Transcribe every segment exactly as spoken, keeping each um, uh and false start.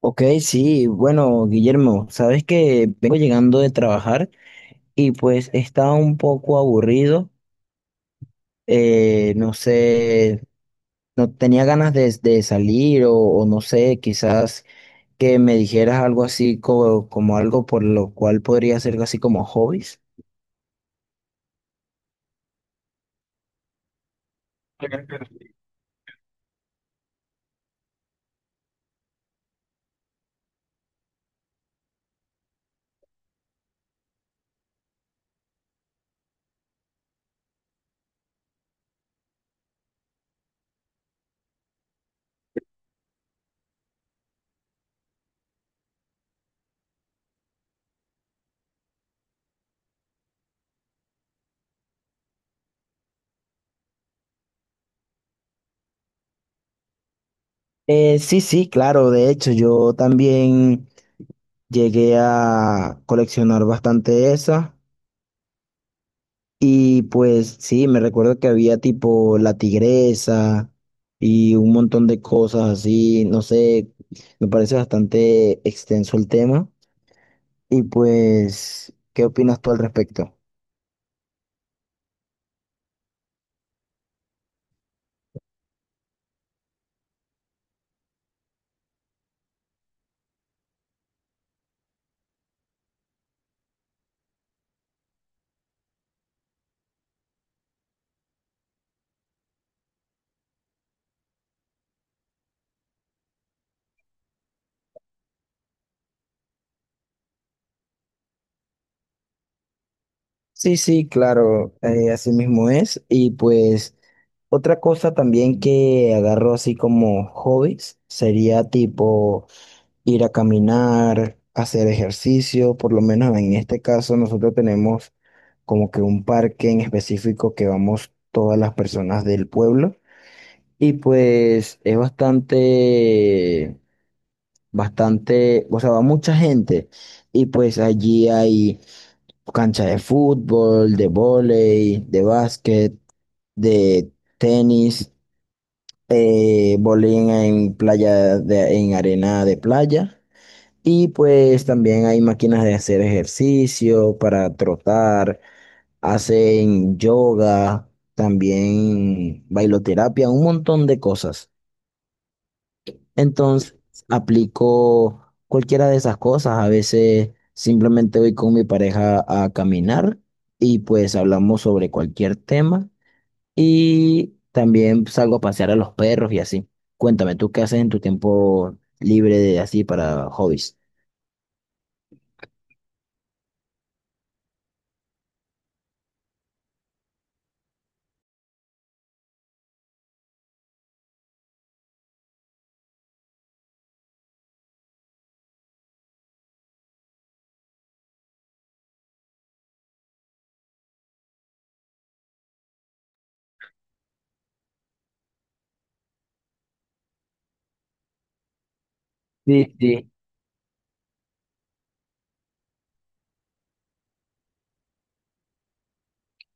Ok, sí, bueno, Guillermo, sabes que vengo llegando de trabajar y pues estaba un poco aburrido, eh, no sé, no tenía ganas de, de salir o, o no sé, quizás que me dijeras algo así como, como algo por lo cual podría ser así como hobbies. Eh, sí, sí, claro, de hecho yo también llegué a coleccionar bastante esas. Y pues sí, me recuerdo que había tipo la tigresa y un montón de cosas así, no sé, me parece bastante extenso el tema. Y pues, ¿qué opinas tú al respecto? Sí, sí, claro, eh, así mismo es. Y pues, otra cosa también que agarro así como hobbies sería tipo ir a caminar, hacer ejercicio, por lo menos en este caso nosotros tenemos como que un parque en específico que vamos todas las personas del pueblo y pues es bastante, bastante, o sea, va mucha gente y pues allí hay cancha de fútbol, de vóley, de básquet, de tenis, eh, vóley en, en playa, de, en arena de playa. Y pues también hay máquinas de hacer ejercicio para trotar, hacen yoga, también bailoterapia, un montón de cosas. Entonces aplico cualquiera de esas cosas. A veces simplemente voy con mi pareja a caminar y pues hablamos sobre cualquier tema. Y también salgo a pasear a los perros y así. Cuéntame, ¿tú qué haces en tu tiempo libre de así para hobbies? Sí, sí.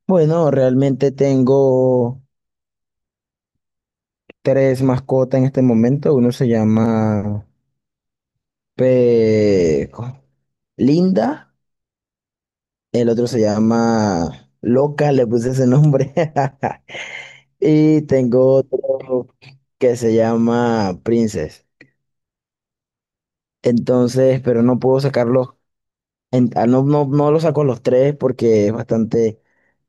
Bueno, realmente tengo tres mascotas en este momento. Uno se llama Pe- ¿cómo? Linda, el otro se llama Loca, le puse ese nombre. Y tengo otro que se llama Princess. Entonces, pero no puedo sacarlos. En- ah, no, no, no lo saco los tres porque es bastante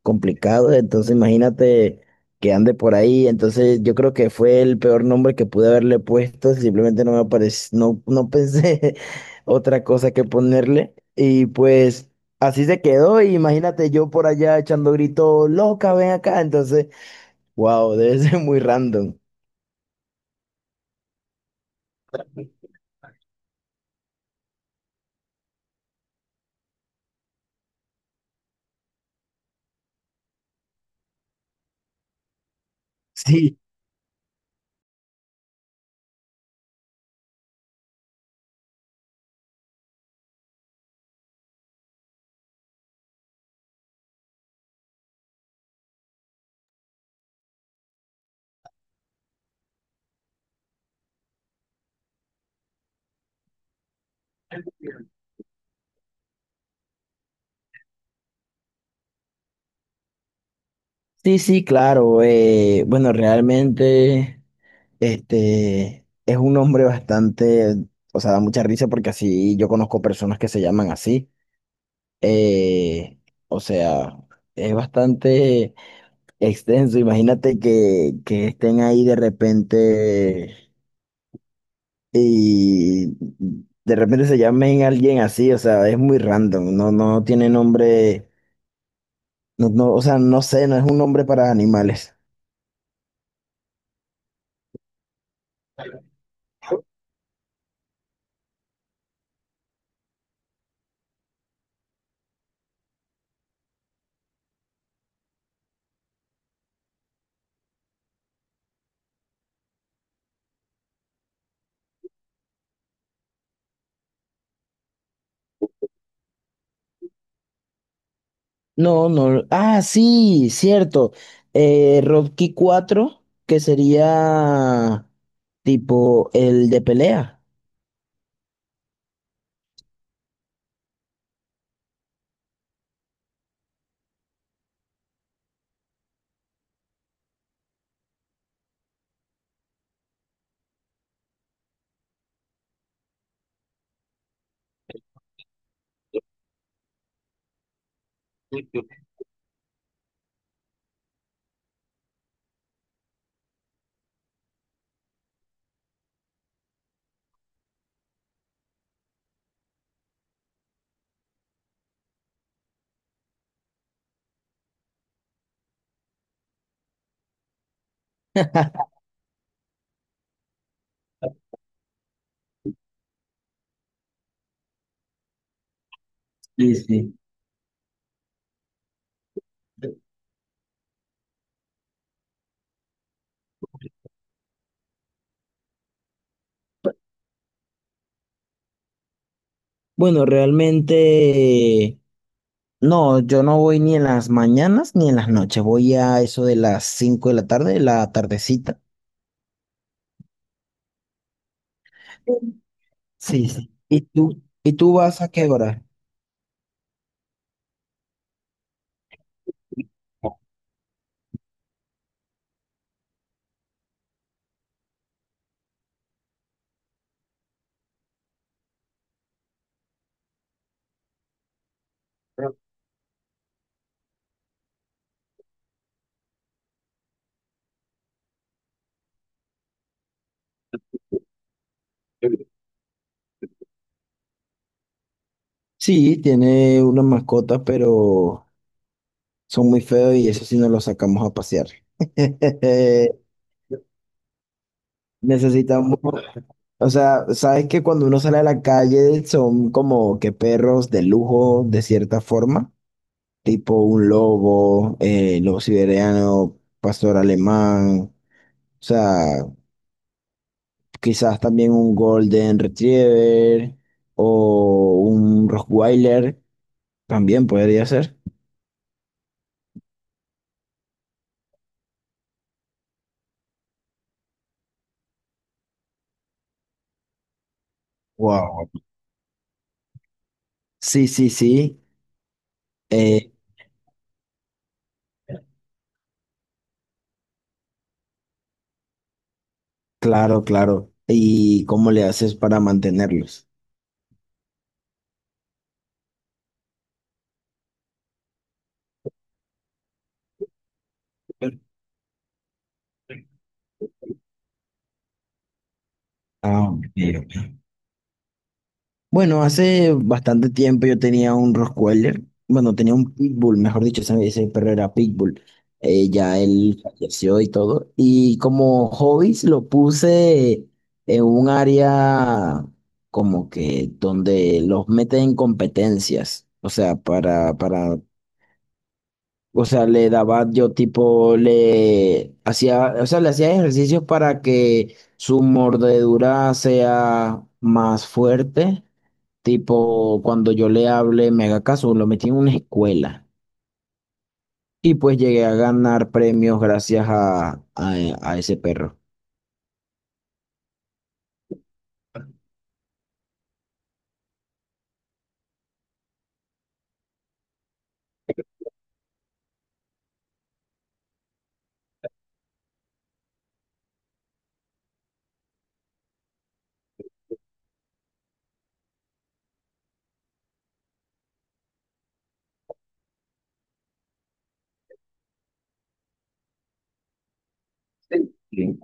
complicado. Entonces, imagínate que ande por ahí. Entonces, yo creo que fue el peor nombre que pude haberle puesto. Simplemente no me apareció, no, no pensé otra cosa que ponerle. Y pues así se quedó. Y imagínate yo por allá echando grito, loca, ven acá. Entonces, wow, debe ser muy random. Sí, sí, sí, claro. Eh, bueno, realmente. Este es un nombre bastante, o sea, da mucha risa porque así yo conozco personas que se llaman así. Eh, o sea, es bastante extenso. Imagínate que, que estén ahí de repente y de repente se llamen alguien así, o sea, es muy random. No, no tiene nombre, no, no, o sea, no sé, no es un nombre para animales. No, no. Ah, sí, cierto. Eh, Rocky cuatro, que sería tipo el de pelea. Sí, sí. Bueno, realmente no, yo no voy ni en las mañanas ni en las noches, voy a eso de las cinco de la tarde, la tardecita. Sí, sí. ¿Y tú? ¿Y tú vas a qué hora? Sí, tiene unas mascotas, pero son muy feos y eso sí no los sacamos a pasear. Necesitamos, o sea, sabes que cuando uno sale a la calle son como que perros de lujo de cierta forma, tipo un lobo, eh, lobo siberiano, pastor alemán, o sea, quizás también un golden retriever o un rottweiler, también podría ser. Wow. Sí, sí, sí, eh, claro, claro. ¿Y cómo le haces para mantenerlos? Ah, ok, ok. Bueno, hace bastante tiempo yo tenía un Rottweiler, bueno, tenía un Pitbull, mejor dicho, ese, ese perro era Pitbull. Eh, ya él falleció y todo. Y como hobbies lo puse en un área como que donde los meten en competencias. O sea, para, para, o sea, le daba yo tipo, le hacía, o sea, le hacía ejercicios para que su mordedura sea más fuerte. Tipo, cuando yo le hablé, me haga caso, lo metí en una escuela. Y pues llegué a ganar premios gracias a, a, a ese perro. Sí.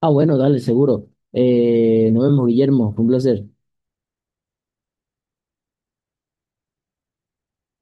Ah, bueno, dale, seguro. Eh, nos vemos, Guillermo. Fue un placer.